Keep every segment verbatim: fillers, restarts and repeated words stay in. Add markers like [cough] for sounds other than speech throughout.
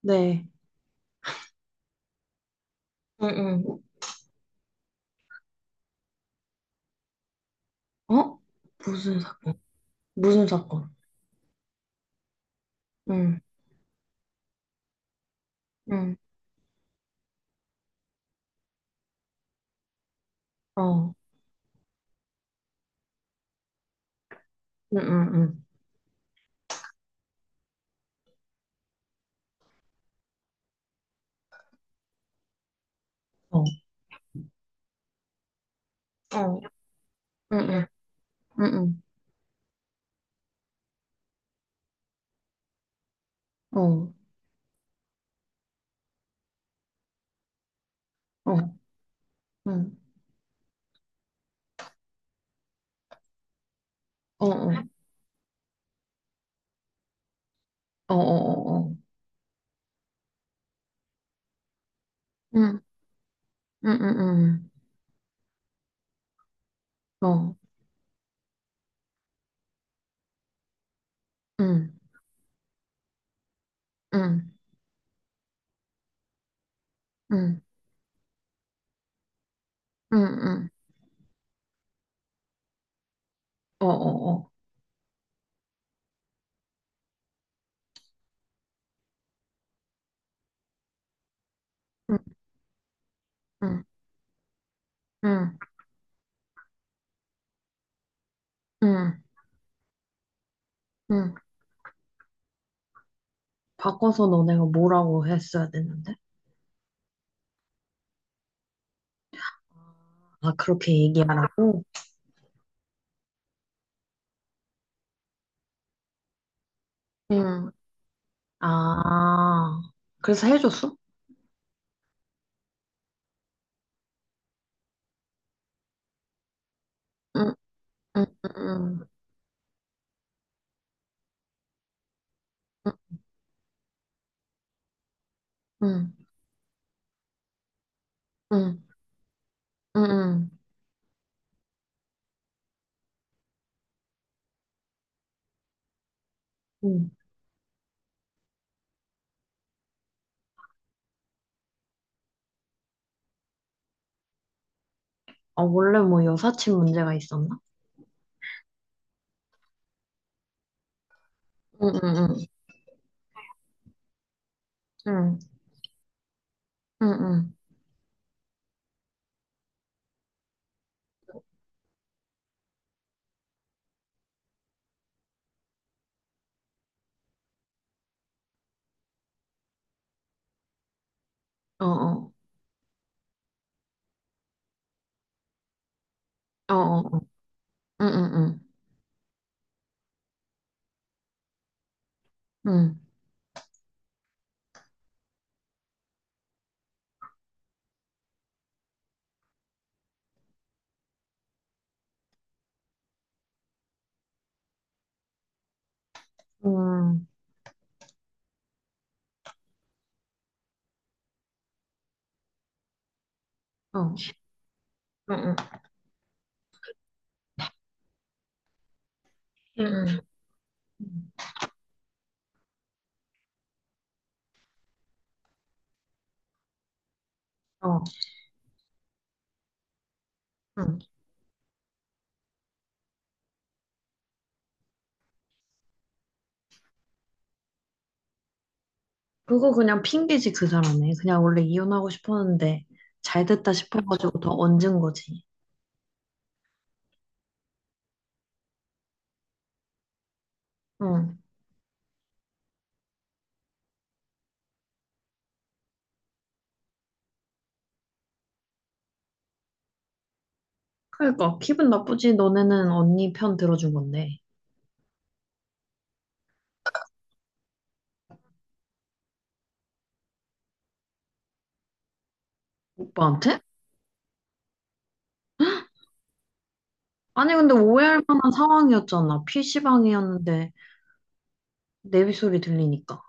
네. 응, 응. 어? 무슨 사건? 무슨 사건? 응, 응, 어, 응, 응, 응, 어, 어, 응, 응, 응, 응, 어, 어, 응, 어 어, 어, 어, 어, 어, 응, 응, 응, 응, 어, 응, 응, 응, 응, 응, 응. 어, 어, 어. 응, 응, 응, 응, 응. 바꿔서 너네가 뭐라고 했어야 됐는데? 아, 그렇게 얘기하라고? 응, 아, 그래서 해줬어? 응, 응, 응, 응, 응, 응, 응. 응. 아, 원래 뭐 여사친 문제가 있었나? 응, 응, 응, 응, 응, 응, 어, 어, 어, 어, 응, 응, 응, 응, 응, 어, 응, 응, 응, 어, 응. 그거 그냥 핑계지, 그 사람이. 그냥 원래 이혼하고 싶었는데 잘 됐다 싶어가지고 더 얹은 거지. 응. 그러니까 기분 나쁘지. 너네는 언니 편 들어준 건데. 오빠한테? 아니, 근데 오해할 만한 상황이었잖아. 피시방이었는데. 내비 소리 들리니까.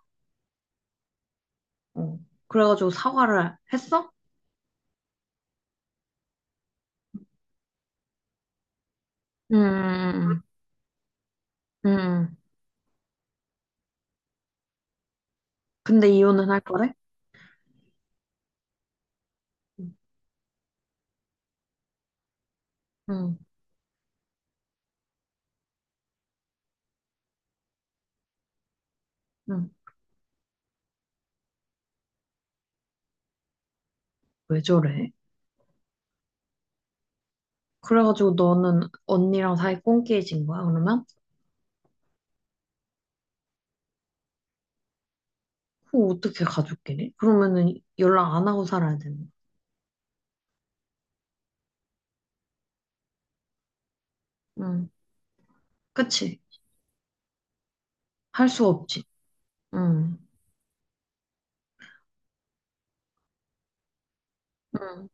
어. 그래가지고 사과를 했어? 음, 음, 근데 이혼은 할 거래? 음, 음. 왜 저래? 그래가지고 너는 언니랑 사이 꽁끼해진 거야, 그러면? 그거 어떻게 가족끼리? 그러면은 연락 안 하고 살아야 되는 거야. 음, 그치? 할 수 없지. 음, 음,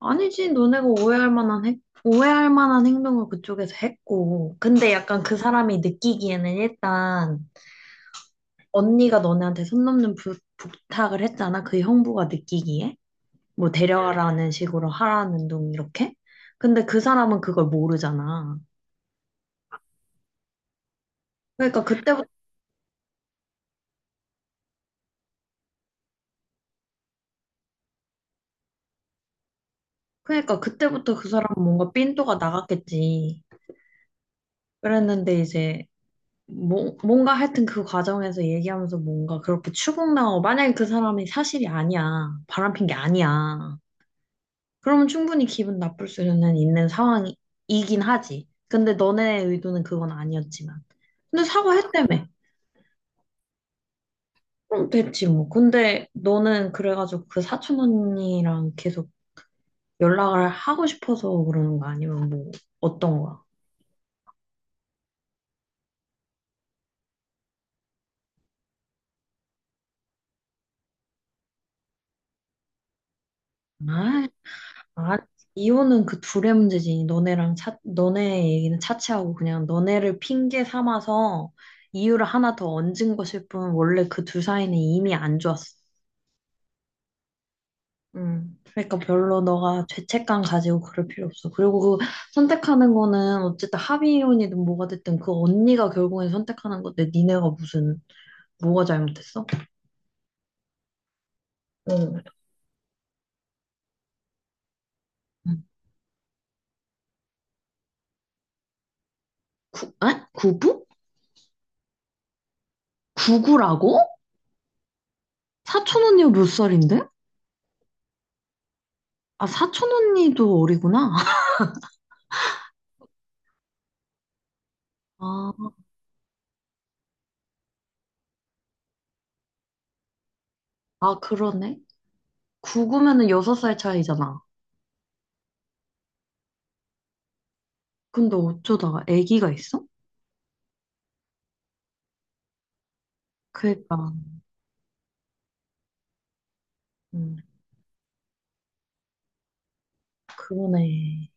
아니지, 너네가 오해할 만한 행, 오해할 만한 행동을 그쪽에서 했고. 근데 약간 그 사람이 느끼기에는 일단 언니가 너네한테 손 넘는 부, 부탁을 했잖아. 그 형부가 느끼기에. 뭐 응, 데려가라는 식으로 하라는 둥 이렇게. 근데 그 사람은 그걸 모르잖아. 그러니까 그때부터 그러니까 그때부터 그 사람은 뭔가 삔또가 나갔겠지. 그랬는데 이제 뭐, 뭔가 하여튼 그 과정에서 얘기하면서 뭔가 그렇게 추궁당하고 만약에 그 사람이 사실이 아니야. 바람핀 게 아니야. 그러면 충분히 기분 나쁠 수는 있는 상황이긴 하지. 근데 너네 의도는 그건 아니었지만. 근데 사과했다며. 그럼 됐지 뭐. 근데 너는 그래가지고 그 사촌 언니랑 계속 연락을 하고 싶어서 그러는 거 아니면 뭐 어떤 거야? 아, 아, 이혼은 그 둘의 문제지. 너네랑 차, 너네 얘기는 차치하고 그냥 너네를 핑계 삼아서 이유를 하나 더 얹은 것일 뿐 원래 그 둘 사이는 이미 안 좋았어. 음, 그러니까 별로 너가 죄책감 가지고 그럴 필요 없어. 그리고 그 선택하는 거는 어쨌든 합의혼이든 뭐가 됐든 그 언니가 결국엔 선택하는 건데 니네가 무슨 뭐가 잘못했어? 응. 응. 구, 에? 구부? 구구라고? 사촌 언니가 몇 살인데? 아, 사촌 언니도 어리구나. [laughs] 아, 아 그러네. 구구면은 여섯 살 차이잖아. 근데 어쩌다가 아기가 있어? 그러니까, 음, 그러네.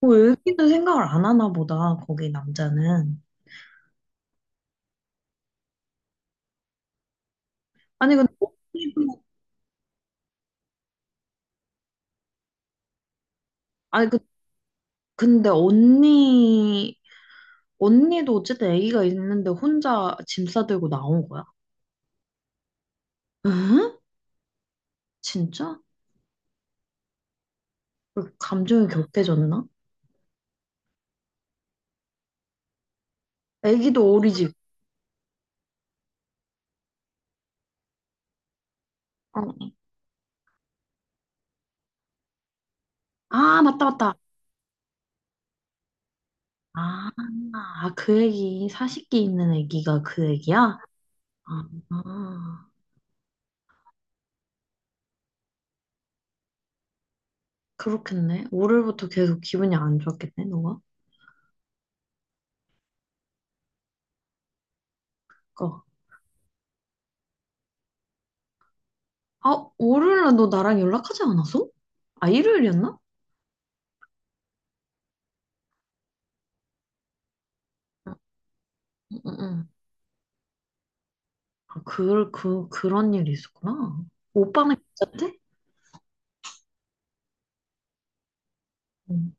뭐, 아기는 생각을 안 하나 보다, 거기 남자는. 아니 근데 언니도 아니 그 근데 언니 언니도 어쨌든 아기가 있는데 혼자 짐 싸들고 나온 거야? 응? 진짜? 왜 감정이 격해졌나? 아기도 어리지? 어. 아 맞다 맞다. 아, 아, 그 애기 사십기 있는 애기가 그 애기야? 아, 아, 그렇겠네. 월요일부터 계속 기분이 안 좋았겠네, 너가? 어. 아, 월요일날 너 나랑 연락하지 않았어? 아, 일요일이었나? 응, 응, 응. 응. 아, 그, 그, 그런 일이 있었구나. 오빠는 괜찮대? 응.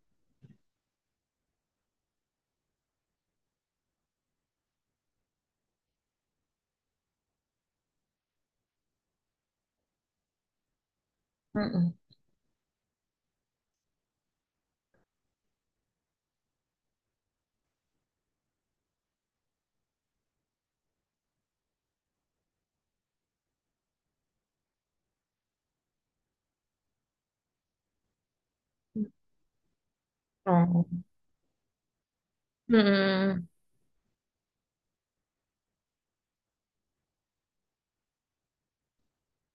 응, 응. 어. 응. 응,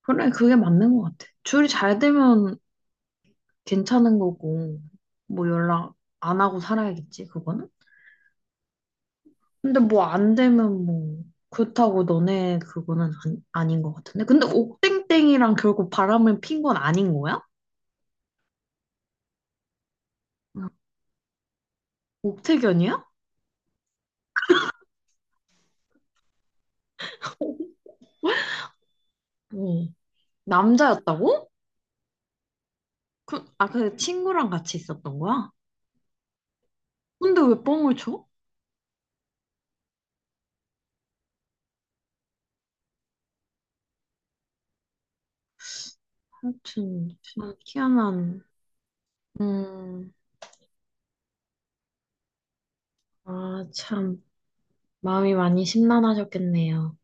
그래, 그게 맞는 것 같아. 줄이 잘 되면 괜찮은 거고, 뭐 연락 안 하고 살아야겠지, 그거는? 근데 뭐 안 되면 뭐, 그렇다고 너네 그거는 아, 닌것 같은데? 근데 옥땡땡이랑 결국 바람을 핀 건 아닌 거야? 응. 옥태견이야? 어. 남자였다고? 그, 아, 그 친구랑 같이 있었던 거야? 근데 왜 뻥을 쳐? 하여튼 참 희한한 음, 아, 참 마음이 많이 심란하셨겠네요.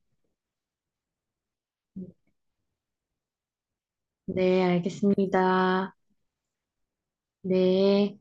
네, 알겠습니다. 네.